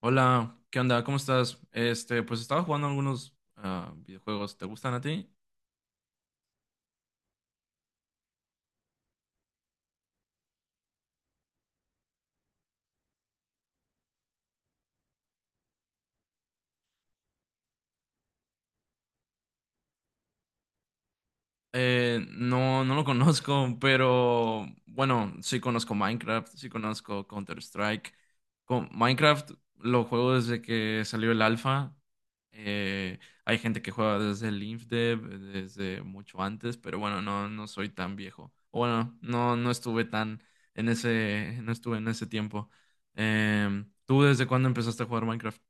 Hola, ¿qué onda? ¿Cómo estás? Este, pues estaba jugando algunos videojuegos. ¿Te gustan a ti? No lo conozco, pero bueno, sí conozco Minecraft, sí conozco Counter-Strike. Con Minecraft lo juego desde que salió el alfa. Eh, Hay gente que juega desde el InfDev, desde mucho antes, pero bueno, no soy tan viejo. O bueno, no estuve tan no estuve en ese tiempo. ¿Tú desde cuándo empezaste a jugar Minecraft?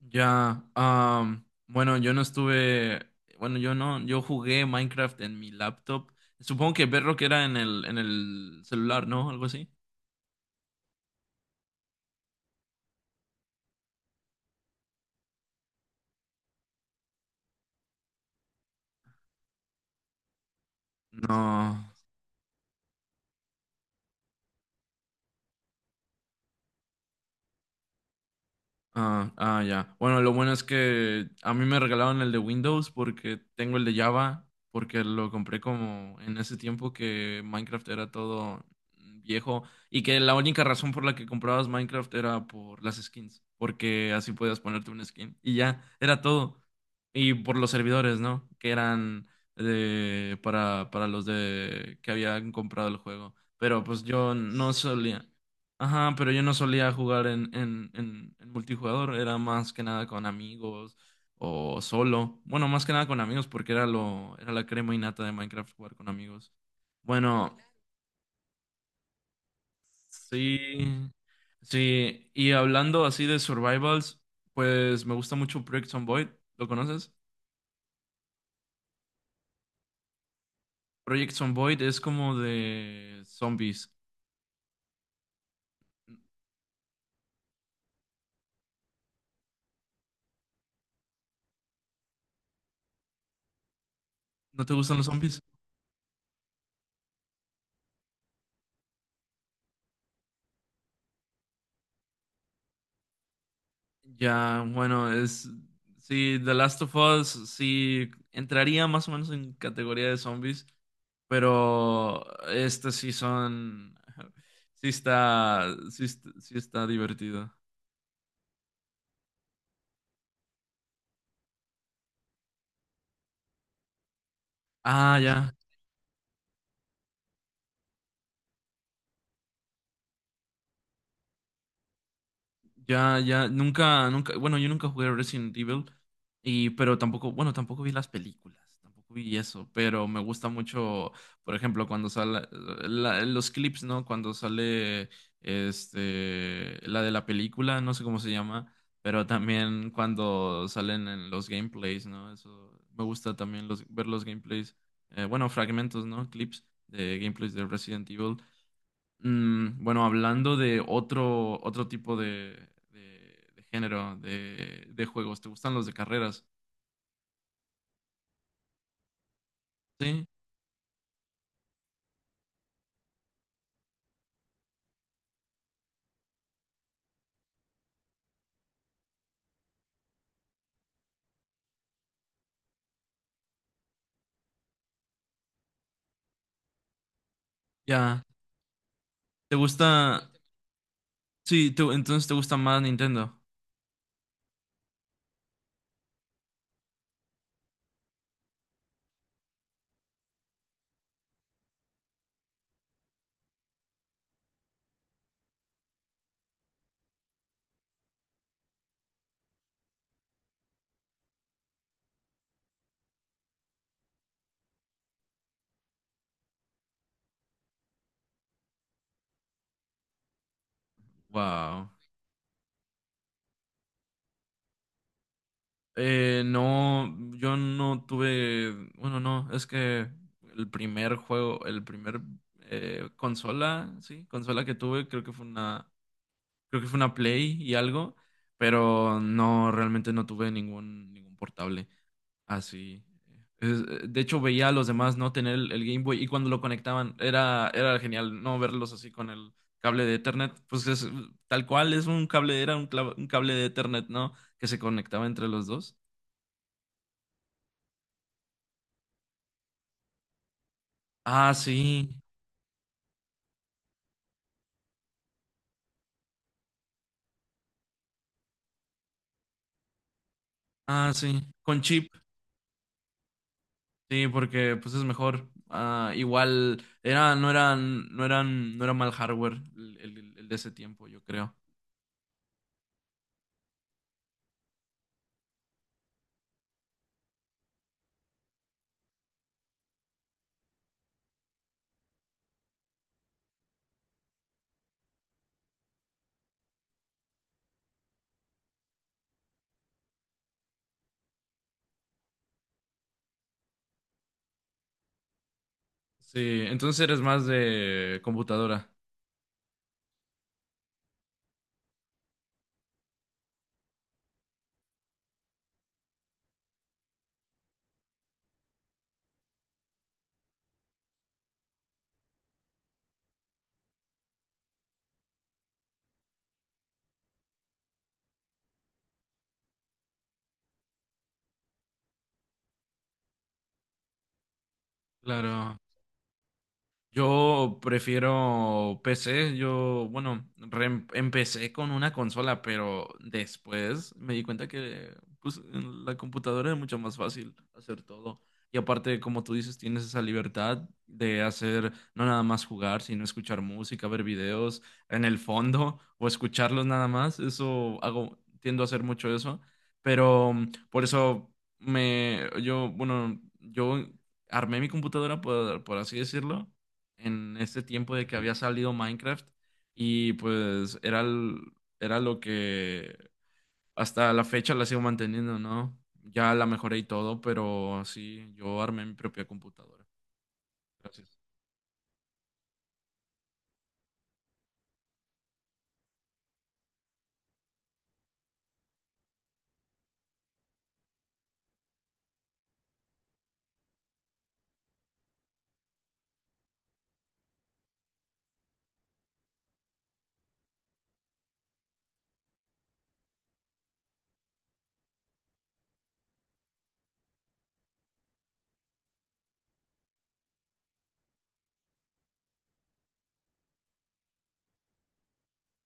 Ya, bueno, yo no estuve, bueno, yo no, yo jugué Minecraft en mi laptop. Supongo que Bedrock era en el celular, ¿no? Algo así. No. Ah, ah, ya. Bueno, lo bueno es que a mí me regalaron el de Windows porque tengo el de Java, porque lo compré como en ese tiempo que Minecraft era todo viejo y que la única razón por la que comprabas Minecraft era por las skins, porque así podías ponerte una skin y ya, era todo. Y por los servidores, ¿no? Que eran para los de que habían comprado el juego. Pero pues yo no solía. Ajá, pero yo no solía jugar en multijugador, era más que nada con amigos o solo. Bueno, más que nada con amigos porque era la crema innata de Minecraft jugar con amigos. Bueno, sí, sí, y hablando así de survivals, pues me gusta mucho Project Zomboid, ¿lo conoces? Project Zomboid es como de zombies. ¿No te gustan los zombies? Ya, bueno, es. Sí, The Last of Us sí entraría más o menos en categoría de zombies, pero este sí son. Sí está. Sí, sí está divertido. Ah, ya. Ya, ya, nunca, bueno, yo nunca jugué Resident Evil, y, pero tampoco, bueno, tampoco vi las películas, tampoco vi eso, pero me gusta mucho, por ejemplo, cuando sale, los clips, ¿no? Cuando sale, este, la de la película, no sé cómo se llama, pero también cuando salen en los gameplays, ¿no? Eso, me gusta también ver los gameplays, bueno, fragmentos, ¿no? Clips de gameplays de Resident Evil. Mm, bueno, hablando de otro tipo de género de juegos, ¿te gustan los de carreras? Sí, ya. ¿Te gusta? Sí, entonces te gusta más Nintendo. Wow. No, yo no tuve. Bueno, no, es que el primer juego, el primer consola, sí, consola que tuve, creo que fue una, creo que fue una Play y algo, pero no, realmente no tuve ningún portable. Así. De hecho, veía a los demás no tener el Game Boy y cuando lo conectaban era genial no verlos así con el cable de Ethernet. Pues es tal cual, era un, un cable de Ethernet, ¿no? Que se conectaba entre los dos. Ah, sí. Ah, sí. Con chip. Sí, porque pues es mejor. Ah, igual era, no eran, no era mal hardware el de ese tiempo, yo creo. Sí, entonces eres más de computadora. Claro. Yo prefiero PC, yo, bueno, empecé con una consola, pero después me di cuenta que pues, en la computadora es mucho más fácil hacer todo. Y aparte, como tú dices, tienes esa libertad de hacer no nada más jugar, sino escuchar música, ver videos en el fondo o escucharlos nada más. Eso hago, tiendo a hacer mucho eso, pero mm, por eso yo, bueno, yo armé mi computadora, por así decirlo en este tiempo de que había salido Minecraft y pues era lo que hasta la fecha la sigo manteniendo, ¿no? Ya la mejoré y todo, pero sí, yo armé mi propia computadora. Gracias.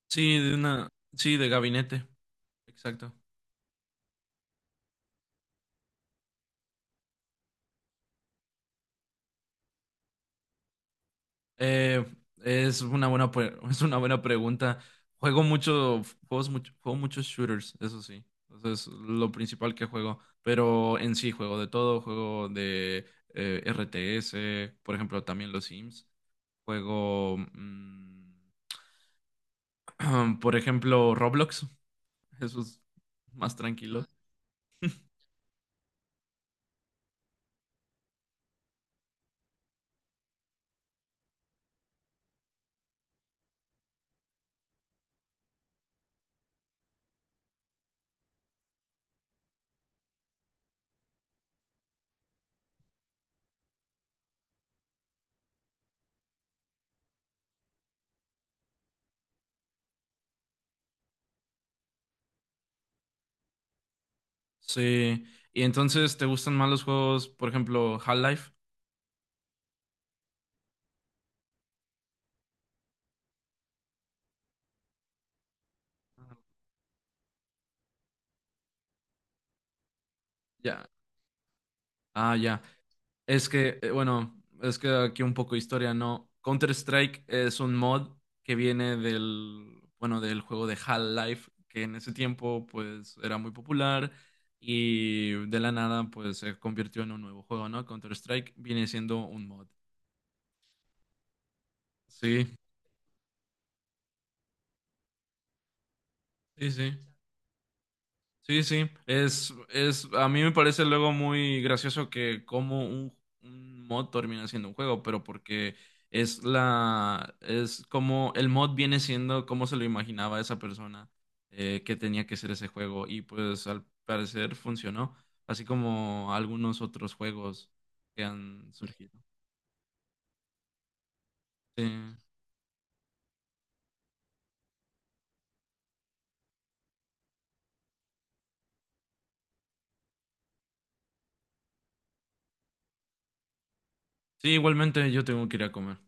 Sí, de una, sí, de gabinete, exacto. Eh, es una buena, pre- es una buena pregunta. Juego mucho, juegos mucho, juego muchos shooters, eso sí. Eso es lo principal que juego. Pero en sí juego de todo, juego de RTS, por ejemplo, también los Sims. Juego, mm, por ejemplo, Roblox. Eso es más tranquilo. Sí. Y entonces, ¿te gustan más los juegos, por ejemplo, Half-Life? Ya. Ah, ya. Es que, bueno, es que aquí un poco de historia, ¿no? Counter-Strike es un mod que viene del, bueno, del juego de Half-Life, que en ese tiempo, pues, era muy popular y de la nada, pues, se convirtió en un nuevo juego, ¿no? Counter-Strike viene siendo un mod. Sí, sí, sí. Sí, sí, es, a mí me parece luego muy gracioso que como un mod termina siendo un juego, pero porque es como el mod viene siendo como se lo imaginaba esa persona que tenía que ser ese juego y pues al parecer funcionó, así como algunos otros juegos que han surgido. Sí, sí, igualmente yo tengo que ir a comer.